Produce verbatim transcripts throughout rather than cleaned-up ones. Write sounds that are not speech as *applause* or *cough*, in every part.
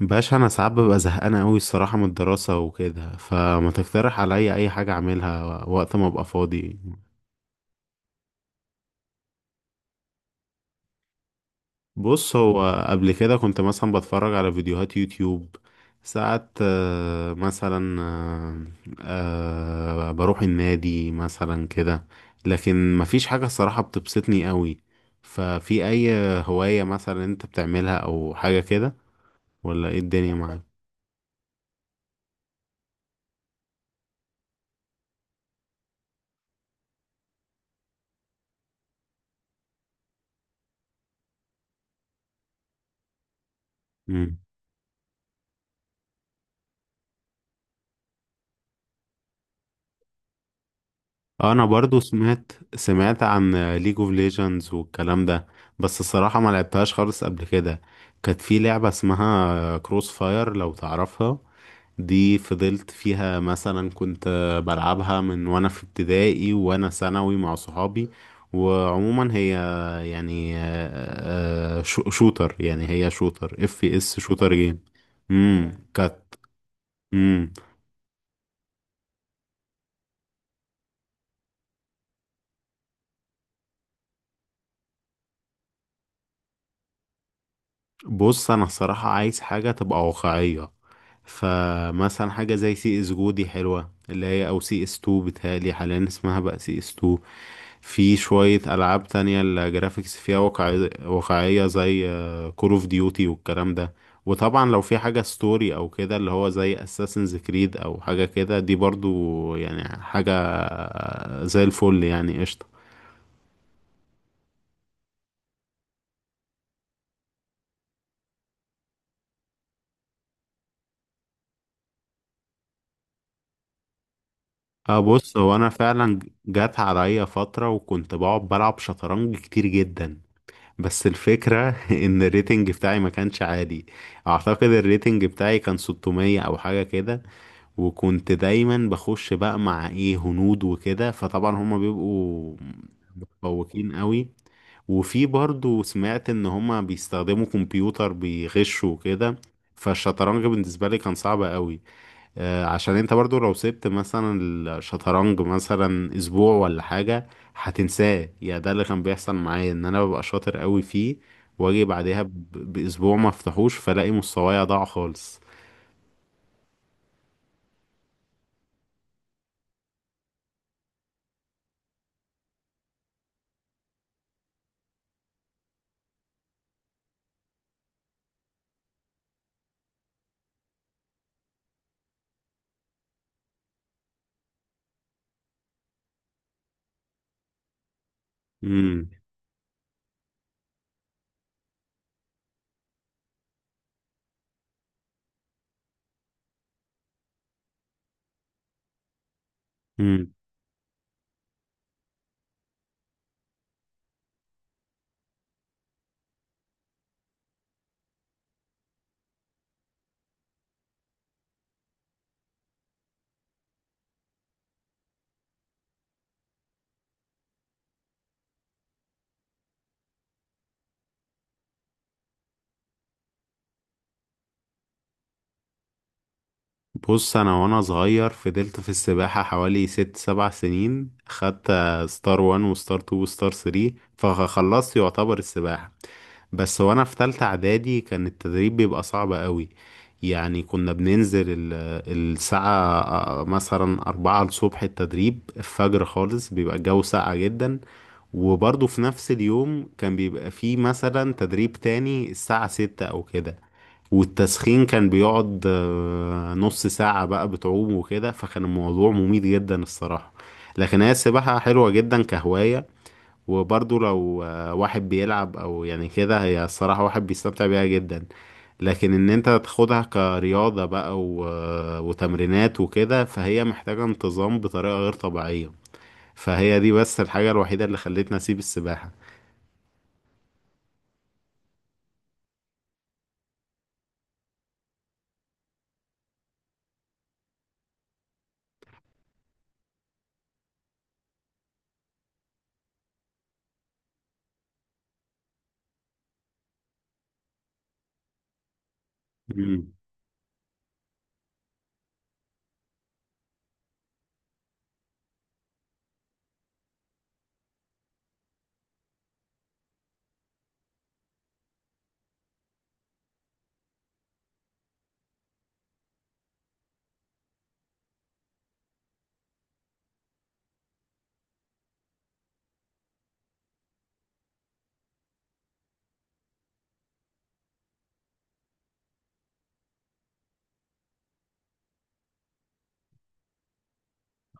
باشا، انا ساعات ببقى زهقان قوي الصراحه من الدراسه وكده، فما تقترح عليا اي حاجه اعملها وقت ما ابقى فاضي؟ بص، هو قبل كده كنت مثلا بتفرج على فيديوهات يوتيوب ساعات، آه، مثلا آه، آه، بروح النادي مثلا كده. لكن مفيش حاجه الصراحه بتبسطني قوي. ففي اي هوايه مثلا انت بتعملها او حاجه كده؟ ولا ايه الدنيا معاك؟ مم. انا برضو سمعت سمعت عن ليج اوف ليجندز والكلام ده، بس الصراحة ما لعبتهاش خالص قبل كده. كانت في لعبة اسمها كروس فاير لو تعرفها، دي فضلت فيها مثلا، كنت بلعبها من وانا في ابتدائي وانا ثانوي مع صحابي. وعموما هي يعني آه، آه، شو- شوتر، يعني هي شوتر، اف اس شوتر جيم. امم كانت بص، انا الصراحة عايز حاجة تبقى واقعية. فمثلا حاجة زي سي اس جو دي حلوة، اللي هي او سي اس اتنين، بتهيألي حاليا اسمها بقى سي اس اتنين. في شوية ألعاب تانية الجرافيكس فيها واقعية واقعية زي كول اوف ديوتي والكلام ده. وطبعا لو في حاجة ستوري أو كده، اللي هو زي اساسنز كريد أو حاجة كده، دي برضو يعني حاجة زي الفل، يعني قشطة. اه، بص، هو انا فعلا جات عليا فترة وكنت بقعد بلعب شطرنج كتير جدا، بس الفكرة *laughs* ان الريتنج بتاعي ما كانش عالي. اعتقد الريتنج بتاعي كان ستمية او حاجة كده، وكنت دايما بخش بقى مع ايه هنود وكده، فطبعا هما بيبقوا متفوقين قوي. وفي برضو سمعت ان هما بيستخدموا كمبيوتر بيغشوا وكده. فالشطرنج بالنسبة لي كان صعب قوي، آه، عشان انت برضو لو سبت مثلا الشطرنج مثلا اسبوع ولا حاجة هتنساه. يا ده اللي كان بيحصل معايا، ان انا ببقى شاطر قوي فيه، واجي بعدها ب- باسبوع ما افتحوش فلاقي مستواي ضاع خالص. امم بص، انا وانا صغير فضلت في السباحة حوالي ست سبع سنين، خدت آه، ستار وان وستار تو وستار ثري، فخلصت يعتبر السباحة. بس وانا في تالتة اعدادي كان التدريب بيبقى صعب قوي. يعني كنا بننزل ال- الساعة آه، مثلا أربعة الصبح، التدريب الفجر خالص، بيبقى الجو ساقع جدا. وبرضه في نفس اليوم كان بيبقى فيه مثلا تدريب تاني الساعة ستة أو كده، والتسخين كان بيقعد آه، نص ساعة بقى بتعوم وكده، فكان الموضوع مميت جدا الصراحة. لكن هي السباحة حلوة جدا كهواية، وبرضو لو آه، واحد بيلعب أو يعني كده، هي الصراحة واحد بيستمتع بيها جدا. لكن إن أنت تاخدها كرياضة بقى و... آه، وتمرينات وكده، فهي محتاجة انتظام بطريقة غير طبيعية. فهي دي بس الحاجة الوحيدة اللي خلتني أسيب السباحة. مم.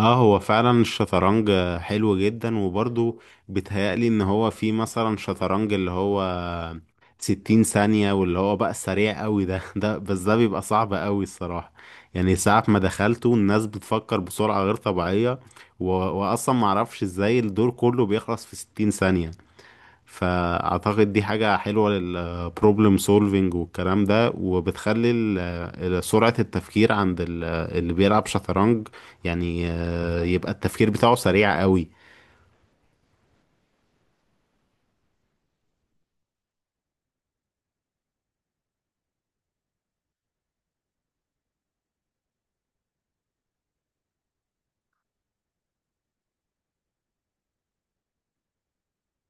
اه، هو فعلا الشطرنج حلو جدا. وبرضه بيتهيألي ان هو في مثلا شطرنج اللي هو ستين ثانية، واللي هو بقى سريع قوي ده *laughs* ده، بس ده بيبقى صعب قوي الصراحة. يعني ساعة ما دخلته الناس بتفكر بسرعة غير طبيعية، و... واصلا معرفش ازاي الدور كله بيخلص في ستين ثانية. فاعتقد دي حاجة حلوة للبروبلم سولفينج والكلام ده، وبتخلي ال- ال- سرعة التفكير عند ال- اللي بيلعب شطرنج، يعني آه، يبقى التفكير بتاعه سريع قوي.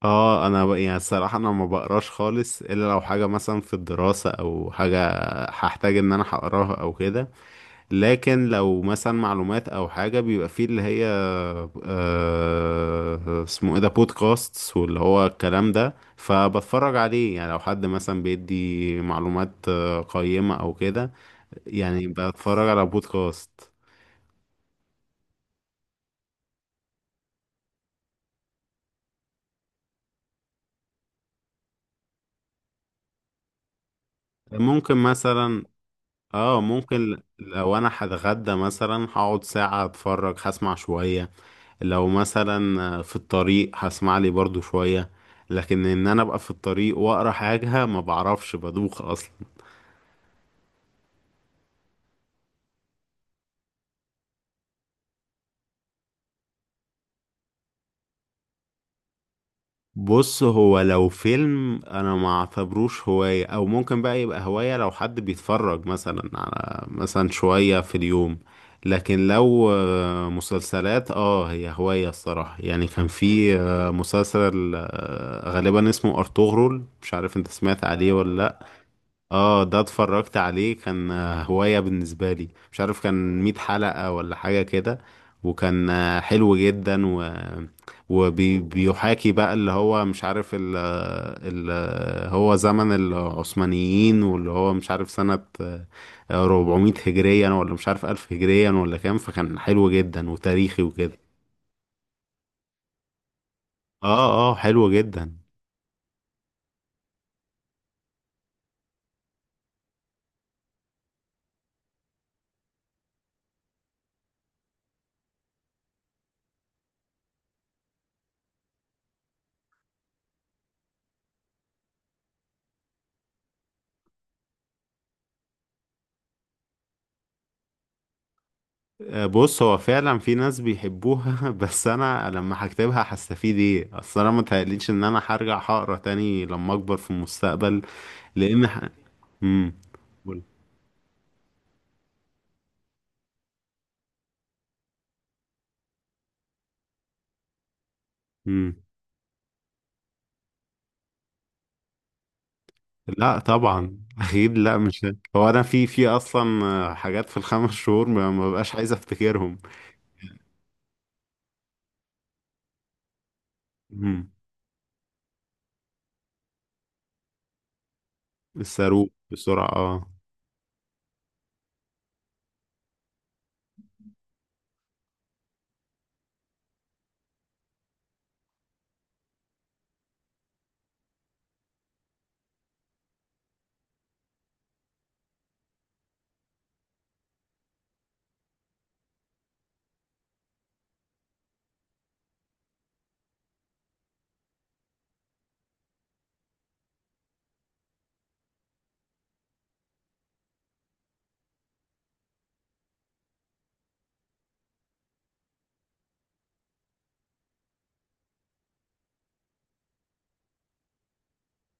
اه، انا ب- يعني الصراحة انا ما بقراش خالص الا لو حاجة مثلا في الدراسة او حاجة هحتاج ان انا هقراها او كده. لكن لو مثلا معلومات او حاجه، بيبقى فيه اللي هي آه، اسمه ايه ده، بودكاست، واللي هو الكلام ده، فبتفرج عليه. يعني لو حد مثلا بيدي معلومات آه، قيمه او كده، يعني بتفرج على بودكاست. ممكن مثلا، اه ممكن لو انا هتغدى مثلا هقعد ساعه اتفرج، هسمع شويه. لو مثلا آه، في الطريق هسمع لي برضو شويه، لكن ان انا ابقى في الطريق واقرا حاجه ما بعرفش، بدوخ اصلا. بص، هو لو فيلم انا ما اعتبروش هواية، او ممكن بقى يبقى هواية لو حد بيتفرج مثلا على مثلا شوية في اليوم. لكن لو آه، مسلسلات، اه، هي هواية الصراحة. يعني كان في آه، مسلسل آه، غالبا اسمه ارطغرل، مش عارف انت سمعت عليه ولا لأ. اه، ده اتفرجت عليه، كان آه، هواية بالنسبة لي. مش عارف كان مية حلقة ولا حاجة كده، وكان آه، حلو جدا، و وبيحاكي بقى اللي هو مش عارف ال ال هو زمن العثمانيين، واللي هو مش عارف سنة آه، اربعمية هجريا، ولا مش عارف الف هجريا ولا كام، فكان حلو جدا وتاريخي وكده. اه، اه، حلو جدا. آه، بص، هو فعلا في ناس بيحبوها *laughs* بس انا لما هكتبها هستفيد ايه؟ اصل انا متهيأليش ان انا هرجع هقرا تاني لما اكبر في المستقبل. لان ح... مم. قول. مم. لا طبعا *laughs* اكيد لا، مش ه- هو انا في في اصلا آه، حاجات في الخمس شهور ما ما ببقاش عايز افتكرهم. مم. الصاروخ بسرعة، اه.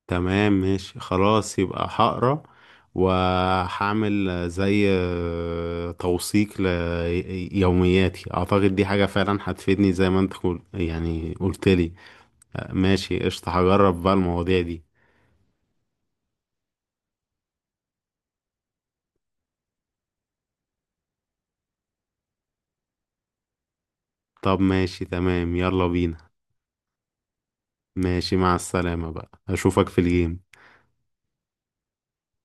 تمام، ماشي، خلاص، يبقى هقرا، وهعمل زي آه، توثيق ليومياتي، اعتقد دي حاجة فعلا هتفيدني زي ما انت قل... يعني قلت لي. آه، ماشي، قشطة، هجرب بقى المواضيع دي. طب ماشي، تمام، يلا بينا. ماشي، مع السلامة بقى، اشوفك في الجيم.